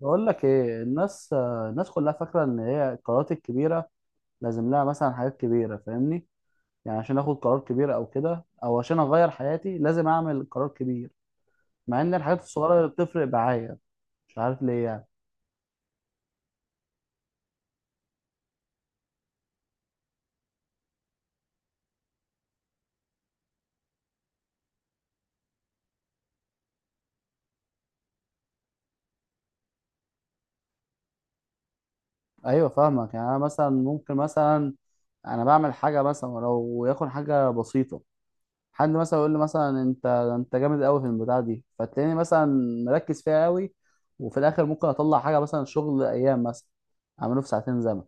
بقول لك ايه الناس، الناس كلها فاكره ان هي القرارات الكبيره لازم لها مثلا حاجات كبيره، فاهمني؟ يعني عشان اخد قرار كبير او كده، او عشان اغير حياتي لازم اعمل قرار كبير، مع ان الحاجات الصغيره اللي بتفرق معايا. مش عارف ليه يعني. ايوه فاهمك، يعني انا مثلا ممكن مثلا انا بعمل حاجه مثلا ولو يكون حاجه بسيطه. حد مثلا يقول لي مثلا انت جامد قوي في البتاع دي، فتلاقيني مثلا مركز فيها قوي، وفي الاخر ممكن اطلع حاجه مثلا شغل ايام مثلا اعمله في ساعتين زمن.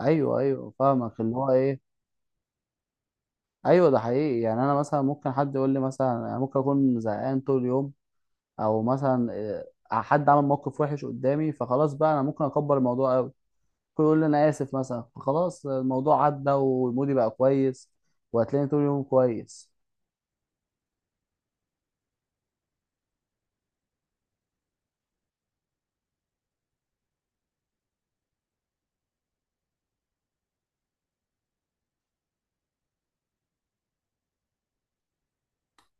ايوه ايوه فاهمك اللي هو ايه. ايوه ده حقيقي، يعني انا مثلا ممكن حد يقول لي مثلا، أنا ممكن اكون زهقان طول اليوم، او مثلا حد عمل موقف وحش قدامي، فخلاص بقى انا ممكن اكبر الموضوع قوي. ممكن يقول لي انا اسف مثلا، فخلاص الموضوع عدى ومودي بقى كويس وهتلاقيني طول اليوم كويس.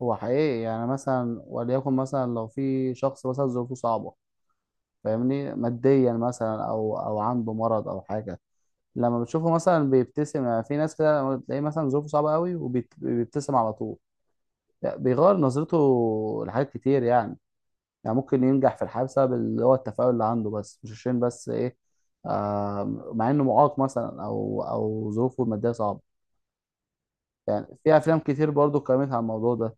هو حقيقي يعني مثلا وليكن مثلا لو في شخص مثلا ظروفه صعبة، فاهمني؟ ماديا مثلا او او عنده مرض او حاجة، لما بتشوفه مثلا بيبتسم، يعني في ناس كده لما تلاقيه مثلا ظروفه صعبة قوي وبيبتسم على طول. لا، بيغير نظرته لحاجات كتير يعني. يعني ممكن ينجح في الحياة بسبب اللي هو التفاؤل اللي عنده، بس مش عشان بس ايه، مع انه معاق مثلا او او ظروفه المادية صعبة. يعني في افلام كتير برضو اتكلمت عن الموضوع ده.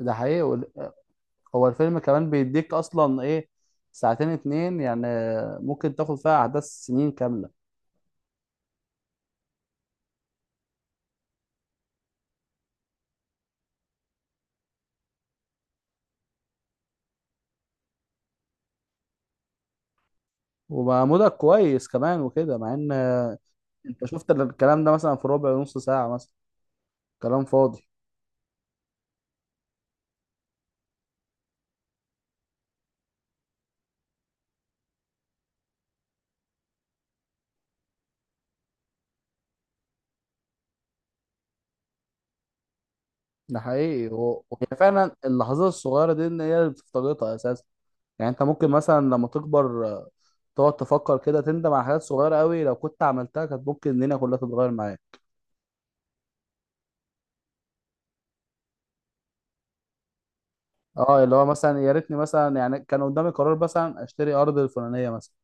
ده حقيقي هو الفيلم كمان بيديك اصلا ايه، ساعتين اتنين يعني، ممكن تاخد فيها احداث سنين كاملة. ومعمولة كويس كمان وكده، مع ان انت شفت الكلام ده مثلا في ربع نص ساعة مثلا، كلام فاضي. ده حقيقي، هي فعلا اللحظات الصغيرة دي ان هي اللي بتفتقدها اساسا. يعني انت ممكن مثلا لما تكبر تقعد تفكر كده، تندم على حاجات صغيرة قوي لو كنت عملتها، كانت ممكن الدنيا كلها تتغير معايا. اه اللي هو مثلا يا ريتني مثلا يعني كان قدامي قرار مثلا اشتري ارض الفلانية مثلا،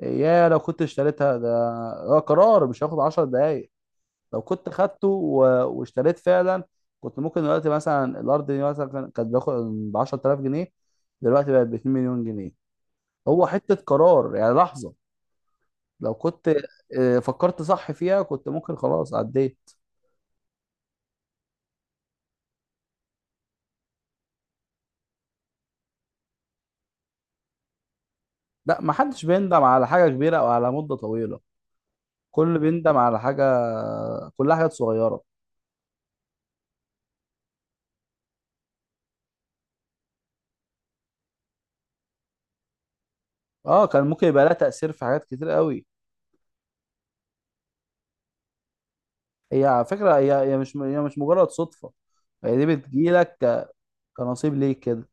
يا لو كنت اشتريتها. ده ده قرار مش هياخد 10 دقايق. لو كنت خدته واشتريت فعلا، كنت ممكن دلوقتي مثلا الارض دي مثلا كانت باخد ب 10,000 جنيه، دلوقتي بقت ب 2 مليون جنيه. هو حته قرار يعني لحظه، لو كنت فكرت صح فيها كنت ممكن خلاص عديت. لا ما حدش بيندم على حاجه كبيره او على مده طويله، كل بيندم على حاجه، كلها حاجات صغيره. اه كان ممكن يبقى لها تاثير في حاجات كتير قوي. هي على فكره هي مش مجرد صدفه. هي دي بتجيلك كنصيب ليك كده.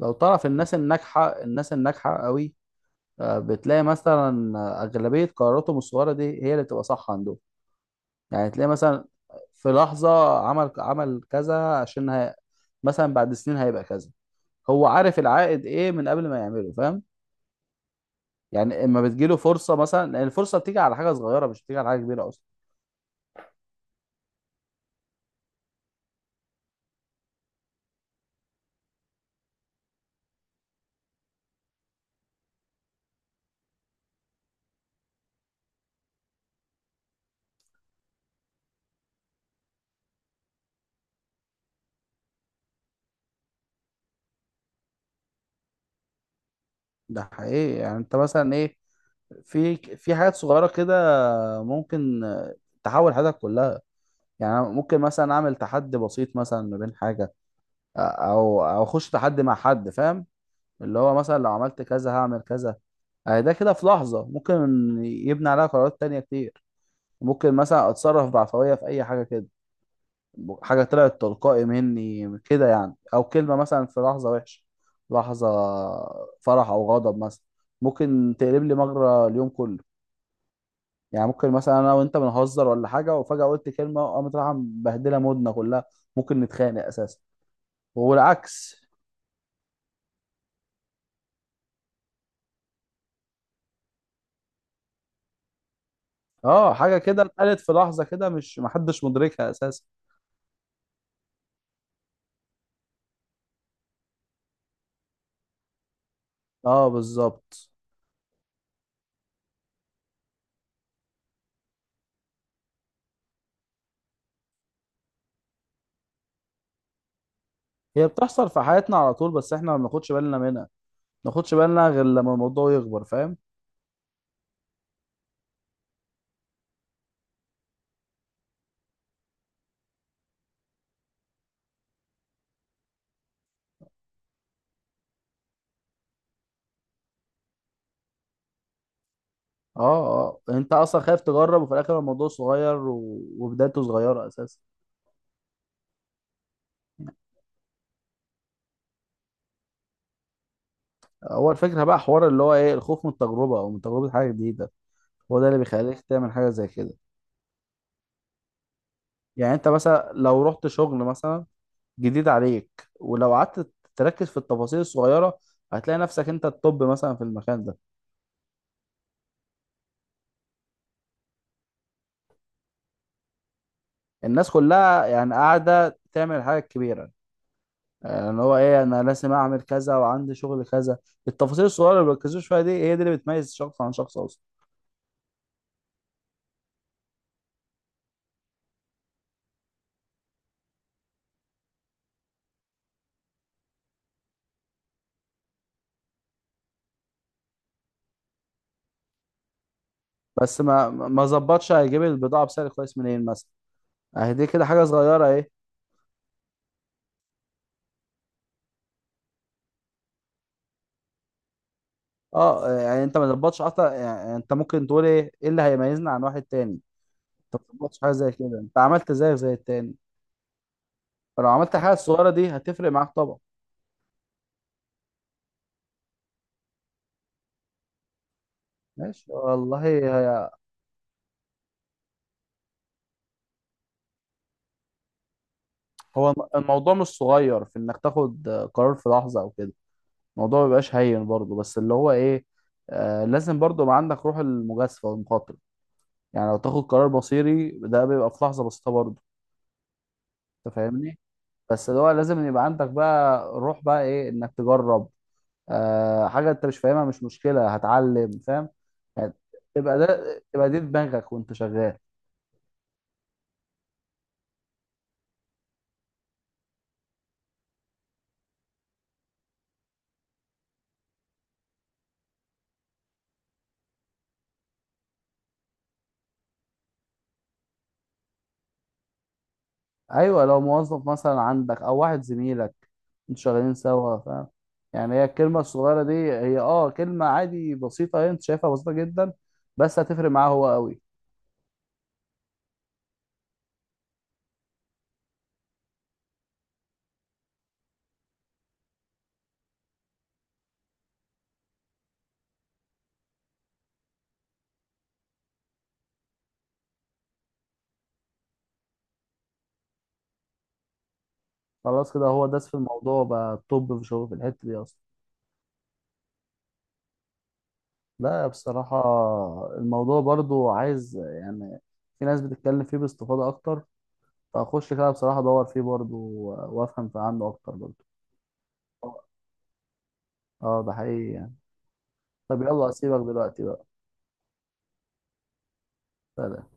لو تعرف الناس الناجحة، الناس الناجحة قوي، بتلاقي مثلا أغلبية قراراتهم الصغيرة دي هي اللي بتبقى صح عندهم. يعني تلاقي مثلا في لحظة عمل كذا عشان هي مثلا بعد سنين هيبقى كذا، هو عارف العائد إيه من قبل ما يعمله، فاهم؟ يعني اما بتجيله فرصة مثلا، لأن الفرصة بتيجي على حاجة صغيرة، مش بتيجي على حاجة كبيرة أصلا. ده حقيقي، يعني أنت مثلا إيه، في حاجات صغيرة كده ممكن تحول حياتك كلها. يعني ممكن مثلا أعمل تحدي بسيط مثلا ما بين حاجة، او او اخش تحدي مع حد، فاهم؟ اللي هو مثلا لو عملت كذا هعمل كذا. اهي ده كده في لحظة ممكن يبني عليها قرارات تانية كتير. ممكن مثلا اتصرف بعفوية في اي حاجة كده، حاجة طلعت تلقائي مني كده يعني، او كلمة مثلا في لحظة وحشة، لحظة فرح او غضب مثلا، ممكن تقلب لي مجرى اليوم كله. يعني ممكن مثلا انا وانت بنهزر ولا حاجة، وفجأة قلت كلمة قامت رايحة مبهدلة مودنا كلها، ممكن نتخانق اساسا، والعكس. اه حاجه كده اتقالت في لحظه كده، مش محدش مدركها اساسا. اه بالظبط. هي بتحصل في حياتنا على طول، بس احنا ما بناخدش بالنا منها، ما بناخدش بالنا غير لما الموضوع يكبر، فاهم؟ اه. اه انت اصلا خايف تجرب، وفي الاخر الموضوع صغير وبدايته صغيره اساسا. هو الفكره بقى حوار اللي هو ايه، الخوف من التجربه او من تجربه حاجه جديده، هو ده اللي بيخليك تعمل حاجه زي كده. يعني انت مثلا لو رحت شغل مثلا جديد عليك، ولو قعدت تركز في التفاصيل الصغيره هتلاقي نفسك انت الطب مثلا في المكان ده. الناس كلها يعني قاعدة تعمل حاجة كبيرة، ان هو ايه انا لازم اعمل كذا وعندي شغل كذا. التفاصيل الصغيرة اللي بيركزوش فيها دي، هي دي اللي بتميز شخص عن شخص اصلا. بس ما ظبطش، هيجيب البضاعة بسعر كويس منين مثلا. اهي دي كده حاجة صغيرة ايه. اه يعني انت ما ظبطش اصلا، يعني انت ممكن تقول ايه اللي هيميزنا عن واحد تاني. انت ما ظبطش حاجة زي كده، انت عملت زيك زي التاني. فلو عملت الحاجة الصغيرة دي، هتفرق معاك طبعا. ماشي والله، هو الموضوع مش صغير في انك تاخد قرار في لحظة او كده، الموضوع ما بيبقاش هين برضه، بس اللي هو ايه، لازم برضه يبقى عندك روح المجازفه والمخاطره. يعني لو تاخد قرار مصيري، ده بيبقى في لحظه بسيطه برضه، انت فاهمني؟ بس اللي هو لازم يبقى عندك بقى روح بقى ايه، انك تجرب. حاجه انت مش فاهمها مش مشكله، هتعلم، فاهم؟ يعني تبقى ده تبقى دي دماغك وانت شغال. ايوه لو موظف مثلا عندك او واحد زميلك، انتوا شغالين سوا، فاهم؟ يعني هي الكلمه الصغيره دي، هي اه كلمه عادي بسيطه، هي انت شايفها بسيطه جدا، بس هتفرق معاه هو قوي. خلاص كده، هو داس في الموضوع بقى الطب في شغله في الحته دي اصلا. لا بصراحه الموضوع برضو عايز يعني، في ناس بتتكلم فيه باستفاضه اكتر، فاخش كده بصراحه ادور فيه برضو، وافهم عنه اكتر برضو. اه ده حقيقي يعني. طب يلا اسيبك دلوقتي بقى. سلام.